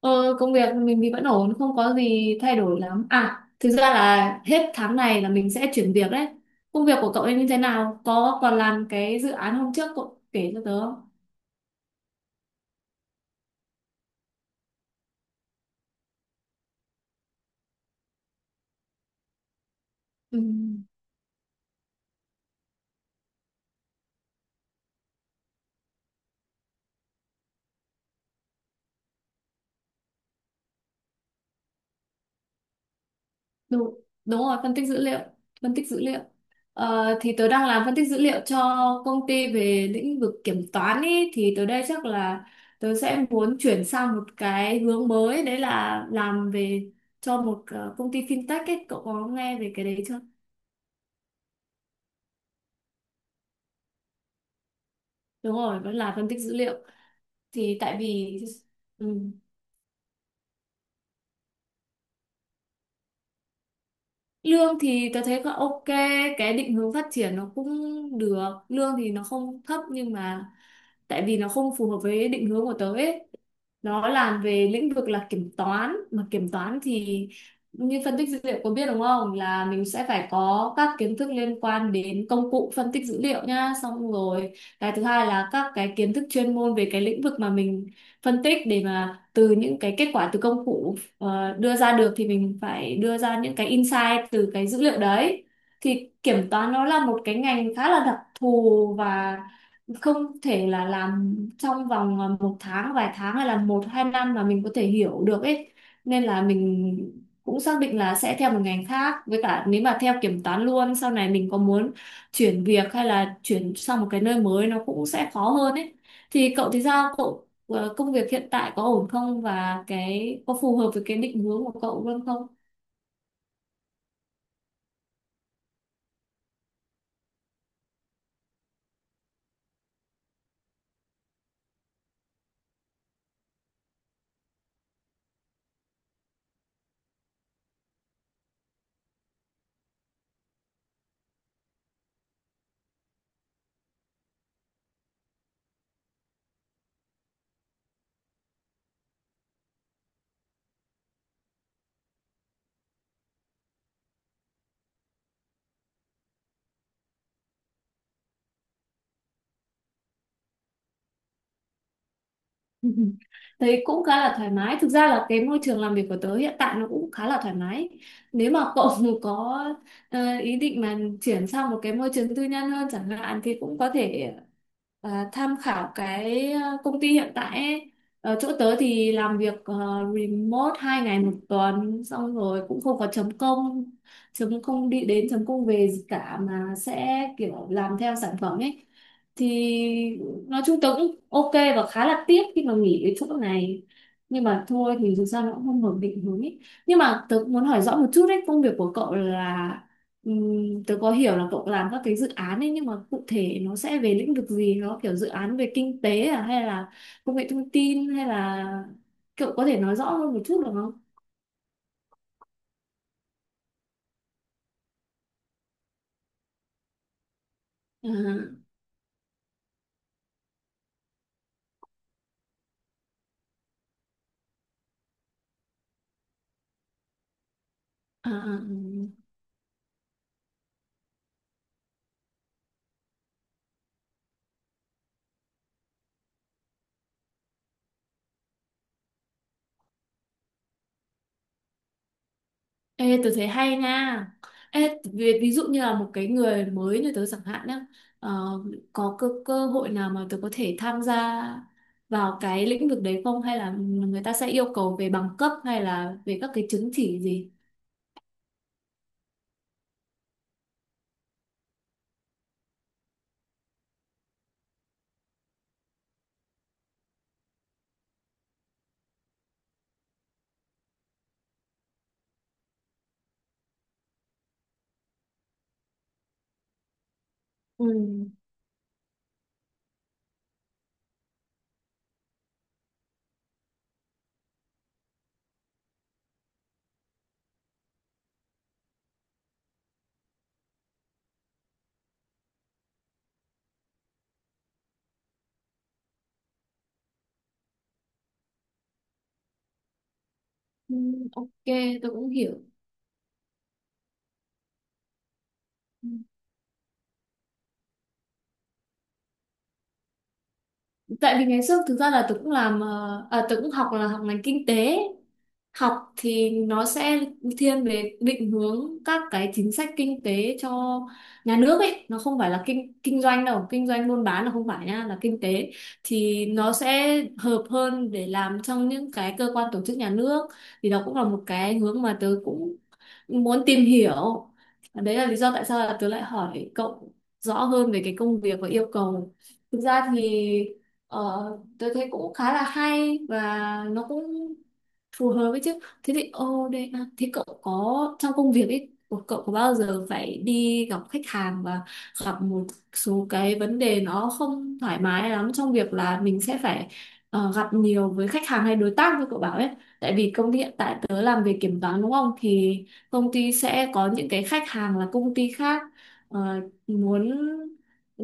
Ờ, Công việc mình thì vẫn ổn, không có gì thay đổi lắm. À, thực ra là hết tháng này là mình sẽ chuyển việc đấy. Công việc của cậu ấy như thế nào? Có còn làm cái dự án hôm trước cậu kể cho tớ không? Ừ, đúng, đúng rồi, phân tích dữ liệu. Phân tích dữ liệu. Thì tớ đang làm phân tích dữ liệu cho công ty về lĩnh vực kiểm toán ý. Thì tới đây chắc là tớ sẽ muốn chuyển sang một cái hướng mới. Đấy là làm về cho một công ty fintech ấy. Cậu có nghe về cái đấy chưa? Đúng rồi, vẫn là phân tích dữ liệu. Thì tại vì ừ. Lương thì tớ thấy là ok, cái định hướng phát triển nó cũng được. Lương thì nó không thấp nhưng mà tại vì nó không phù hợp với định hướng của tớ ấy. Nó làm về lĩnh vực là kiểm toán, mà kiểm toán thì như phân tích dữ liệu có biết đúng không? Là mình sẽ phải có các kiến thức liên quan đến công cụ phân tích dữ liệu nhá, xong rồi cái thứ hai là các cái kiến thức chuyên môn về cái lĩnh vực mà mình phân tích để mà từ những cái kết quả từ công cụ đưa ra được thì mình phải đưa ra những cái insight từ cái dữ liệu đấy, thì kiểm toán nó là một cái ngành khá là đặc thù và không thể là làm trong vòng một tháng vài tháng hay là một hai năm mà mình có thể hiểu được ấy, nên là mình cũng xác định là sẽ theo một ngành khác, với cả nếu mà theo kiểm toán luôn sau này mình có muốn chuyển việc hay là chuyển sang một cái nơi mới nó cũng sẽ khó hơn ấy. Thì cậu thì sao cậu, công việc hiện tại có ổn không và cái có phù hợp với cái định hướng của cậu luôn không? Thấy cũng khá là thoải mái. Thực ra là cái môi trường làm việc của tớ hiện tại nó cũng khá là thoải mái. Nếu mà cậu có ý định mà chuyển sang một cái môi trường tư nhân hơn chẳng hạn thì cũng có thể tham khảo cái công ty hiện tại ấy. Ở chỗ tớ thì làm việc remote hai ngày một tuần, xong rồi cũng không có chấm công, đi đến chấm công về gì cả mà sẽ kiểu làm theo sản phẩm ấy. Thì nói chung tớ cũng ok và khá là tiếc khi mà nghỉ cái chỗ này, nhưng mà thôi thì dù sao nó cũng không ổn định hướng ý. Nhưng mà tớ cũng muốn hỏi rõ một chút đấy, công việc của cậu là tớ có hiểu là cậu làm các cái dự án ấy nhưng mà cụ thể nó sẽ về lĩnh vực gì, nó kiểu dự án về kinh tế à hay là công nghệ thông tin hay là cậu có thể nói rõ hơn một chút được không? À, à, à, à. Ê, tớ thấy hay nha. Ê, ví, ví dụ như là một cái người mới như tớ chẳng hạn nhá, ờ, có cơ, cơ hội nào mà tớ có thể tham gia vào cái lĩnh vực đấy không? Hay là người ta sẽ yêu cầu về bằng cấp hay là về các cái chứng chỉ gì? Ừ. Ừ, ok, tôi cũng hiểu. Tại vì ngày trước thực ra là tớ cũng làm tớ cũng học là học ngành kinh tế, học thì nó sẽ thiên về định hướng các cái chính sách kinh tế cho nhà nước ấy, nó không phải là kinh kinh doanh đâu, kinh doanh buôn bán là không phải nha, là kinh tế. Thì nó sẽ hợp hơn để làm trong những cái cơ quan tổ chức nhà nước, thì đó cũng là một cái hướng mà tớ cũng muốn tìm hiểu. Đấy là lý do tại sao là tớ lại hỏi cậu rõ hơn về cái công việc và yêu cầu. Thực ra thì Ờ, tôi thấy cũng khá là hay và nó cũng phù hợp với chứ. Thế thì ô đây à, thế cậu có trong công việc ấy của cậu có bao giờ phải đi gặp khách hàng và gặp một số cái vấn đề nó không thoải mái lắm trong việc là mình sẽ phải gặp nhiều với khách hàng hay đối tác như cậu bảo ấy. Tại vì công ty hiện tại tớ làm về kiểm toán đúng không? Thì công ty sẽ có những cái khách hàng là công ty khác ờ, muốn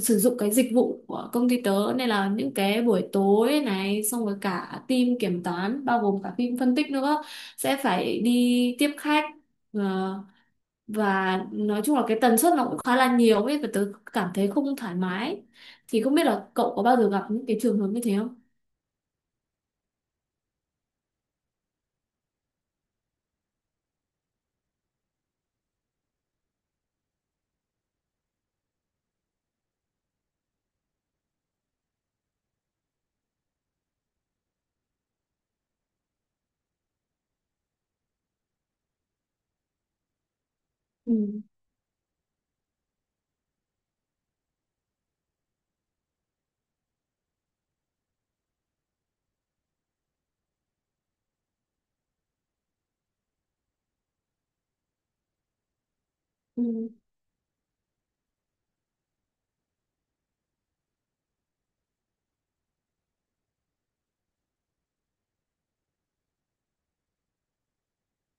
sử dụng cái dịch vụ của công ty tớ, nên là những cái buổi tối này xong rồi cả team kiểm toán bao gồm cả team phân tích nữa sẽ phải đi tiếp khách. Ờ, và nói chung là cái tần suất nó cũng khá là nhiều ấy và tớ cảm thấy không thoải mái, thì không biết là cậu có bao giờ gặp những cái trường hợp như thế không? Ừ. Ừ.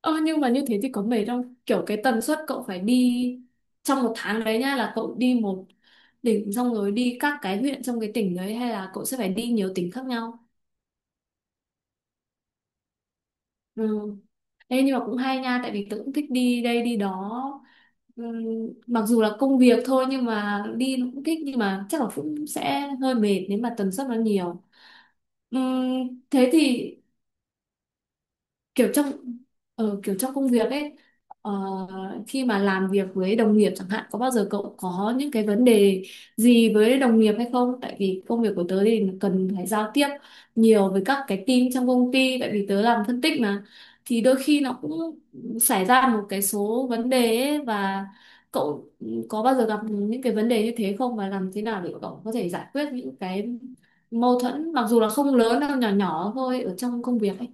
Ờ, nhưng mà như thế thì có mệt không? Kiểu cái tần suất cậu phải đi trong một tháng đấy nhá, là cậu đi một tỉnh xong rồi đi các cái huyện trong cái tỉnh đấy hay là cậu sẽ phải đi nhiều tỉnh khác nhau? Ừ. Ê, nhưng mà cũng hay nha, tại vì tớ cũng thích đi đây đi đó. Ừm, mặc dù là công việc thôi nhưng mà đi nó cũng thích, nhưng mà chắc là cũng sẽ hơi mệt nếu mà tần suất nó nhiều. Thế thì kiểu trong kiểu trong công việc ấy, ờ, khi mà làm việc với đồng nghiệp chẳng hạn có bao giờ cậu có những cái vấn đề gì với đồng nghiệp hay không, tại vì công việc của tớ thì cần phải giao tiếp nhiều với các cái team trong công ty tại vì tớ làm phân tích mà, thì đôi khi nó cũng xảy ra một cái số vấn đề ấy, và cậu có bao giờ gặp những cái vấn đề như thế không và làm thế nào để cậu có thể giải quyết những cái mâu thuẫn mặc dù là không lớn đâu, nhỏ nhỏ thôi ở trong công việc ấy.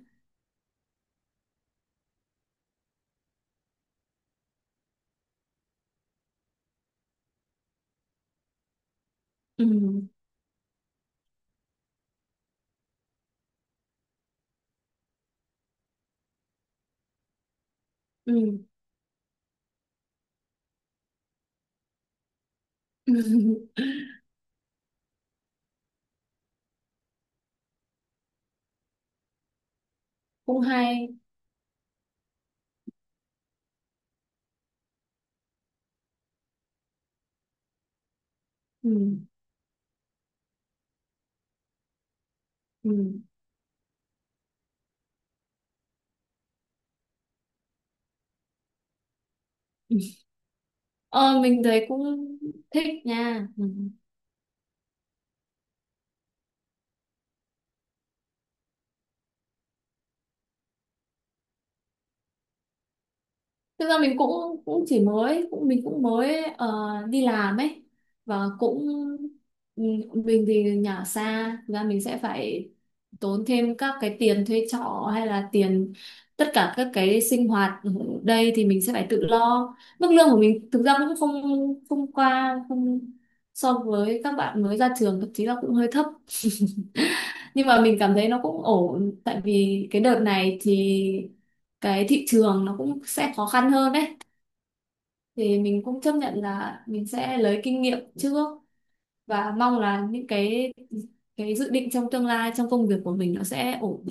Ừ. Ừ. Cũng hay. Ừ. Ừ. Ừ. Ờ mình thấy cũng thích nha. Ừ. Thực ra mình cũng cũng chỉ mới cũng mình cũng mới đi làm ấy, và cũng ừ, mình thì nhà xa, thực ra mình sẽ phải tốn thêm các cái tiền thuê trọ hay là tiền tất cả các cái sinh hoạt ở đây thì mình sẽ phải tự lo. Mức lương của mình thực ra cũng không, không qua không so với các bạn mới ra trường, thậm chí là cũng hơi thấp, nhưng mà mình cảm thấy nó cũng ổn tại vì cái đợt này thì cái thị trường nó cũng sẽ khó khăn hơn đấy, thì mình cũng chấp nhận là mình sẽ lấy kinh nghiệm trước và mong là những cái dự định trong tương lai trong công việc của mình nó sẽ ổn.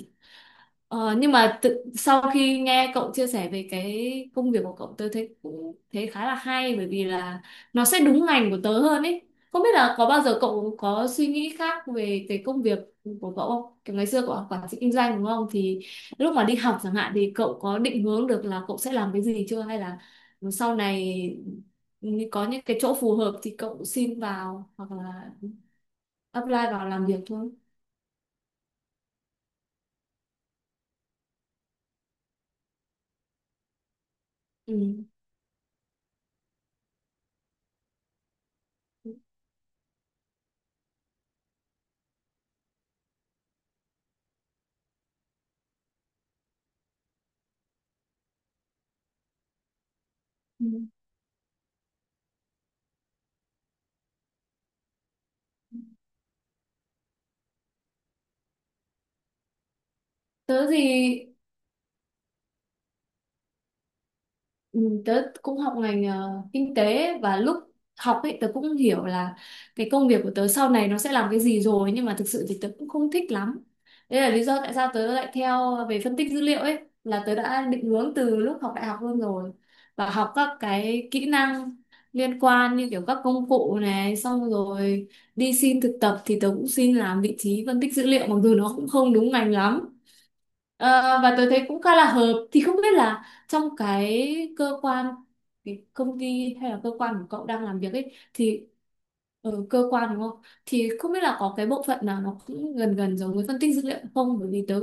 Ờ, nhưng mà tự, sau khi nghe cậu chia sẻ về cái công việc của cậu tớ thấy cũng thấy khá là hay bởi vì là nó sẽ đúng ngành của tớ hơn ấy. Không biết là có bao giờ cậu có suy nghĩ khác về cái công việc của cậu không? Kiểu ngày xưa cậu học quản trị kinh doanh đúng không? Thì lúc mà đi học chẳng hạn thì cậu có định hướng được là cậu sẽ làm cái gì chưa hay là sau này có những cái chỗ phù hợp thì cậu xin vào hoặc là apply vào làm việc thôi. Ừ. Ừ. Tớ thì ừ, tớ cũng học ngành kinh tế và lúc học ấy tớ cũng hiểu là cái công việc của tớ sau này nó sẽ làm cái gì rồi, nhưng mà thực sự thì tớ cũng không thích lắm. Đây là lý do tại sao tớ lại theo về phân tích dữ liệu ấy, là tớ đã định hướng từ lúc học đại học luôn rồi và học các cái kỹ năng liên quan như kiểu các công cụ này, xong rồi đi xin thực tập thì tớ cũng xin làm vị trí phân tích dữ liệu mặc dù nó cũng không đúng ngành lắm. Ờ, và tôi thấy cũng khá là hợp, thì không biết là trong cái cơ quan, cái công ty hay là cơ quan của cậu đang làm việc ấy thì ở cơ quan đúng không, thì không biết là có cái bộ phận nào nó cũng gần gần giống với phân tích dữ liệu không, bởi vì tớ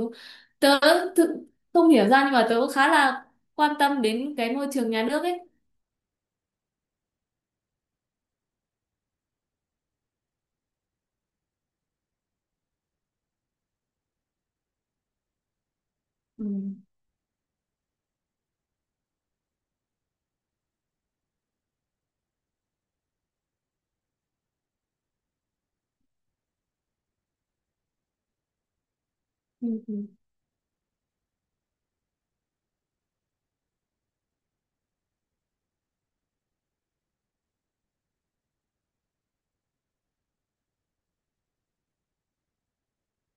tớ thực không hiểu ra nhưng mà tớ cũng khá là quan tâm đến cái môi trường nhà nước ấy. Ừ. Ừ. Ừ,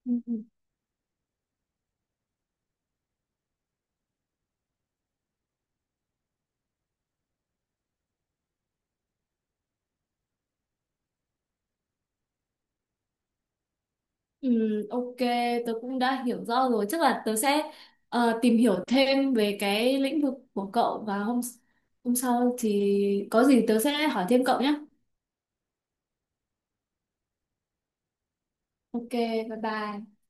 ừ. Ừ, ok, tớ cũng đã hiểu rõ rồi. Chắc là tớ sẽ tìm hiểu thêm về cái lĩnh vực của cậu và hôm hôm sau thì có gì tớ sẽ hỏi thêm cậu nhé. Ok, bye bye.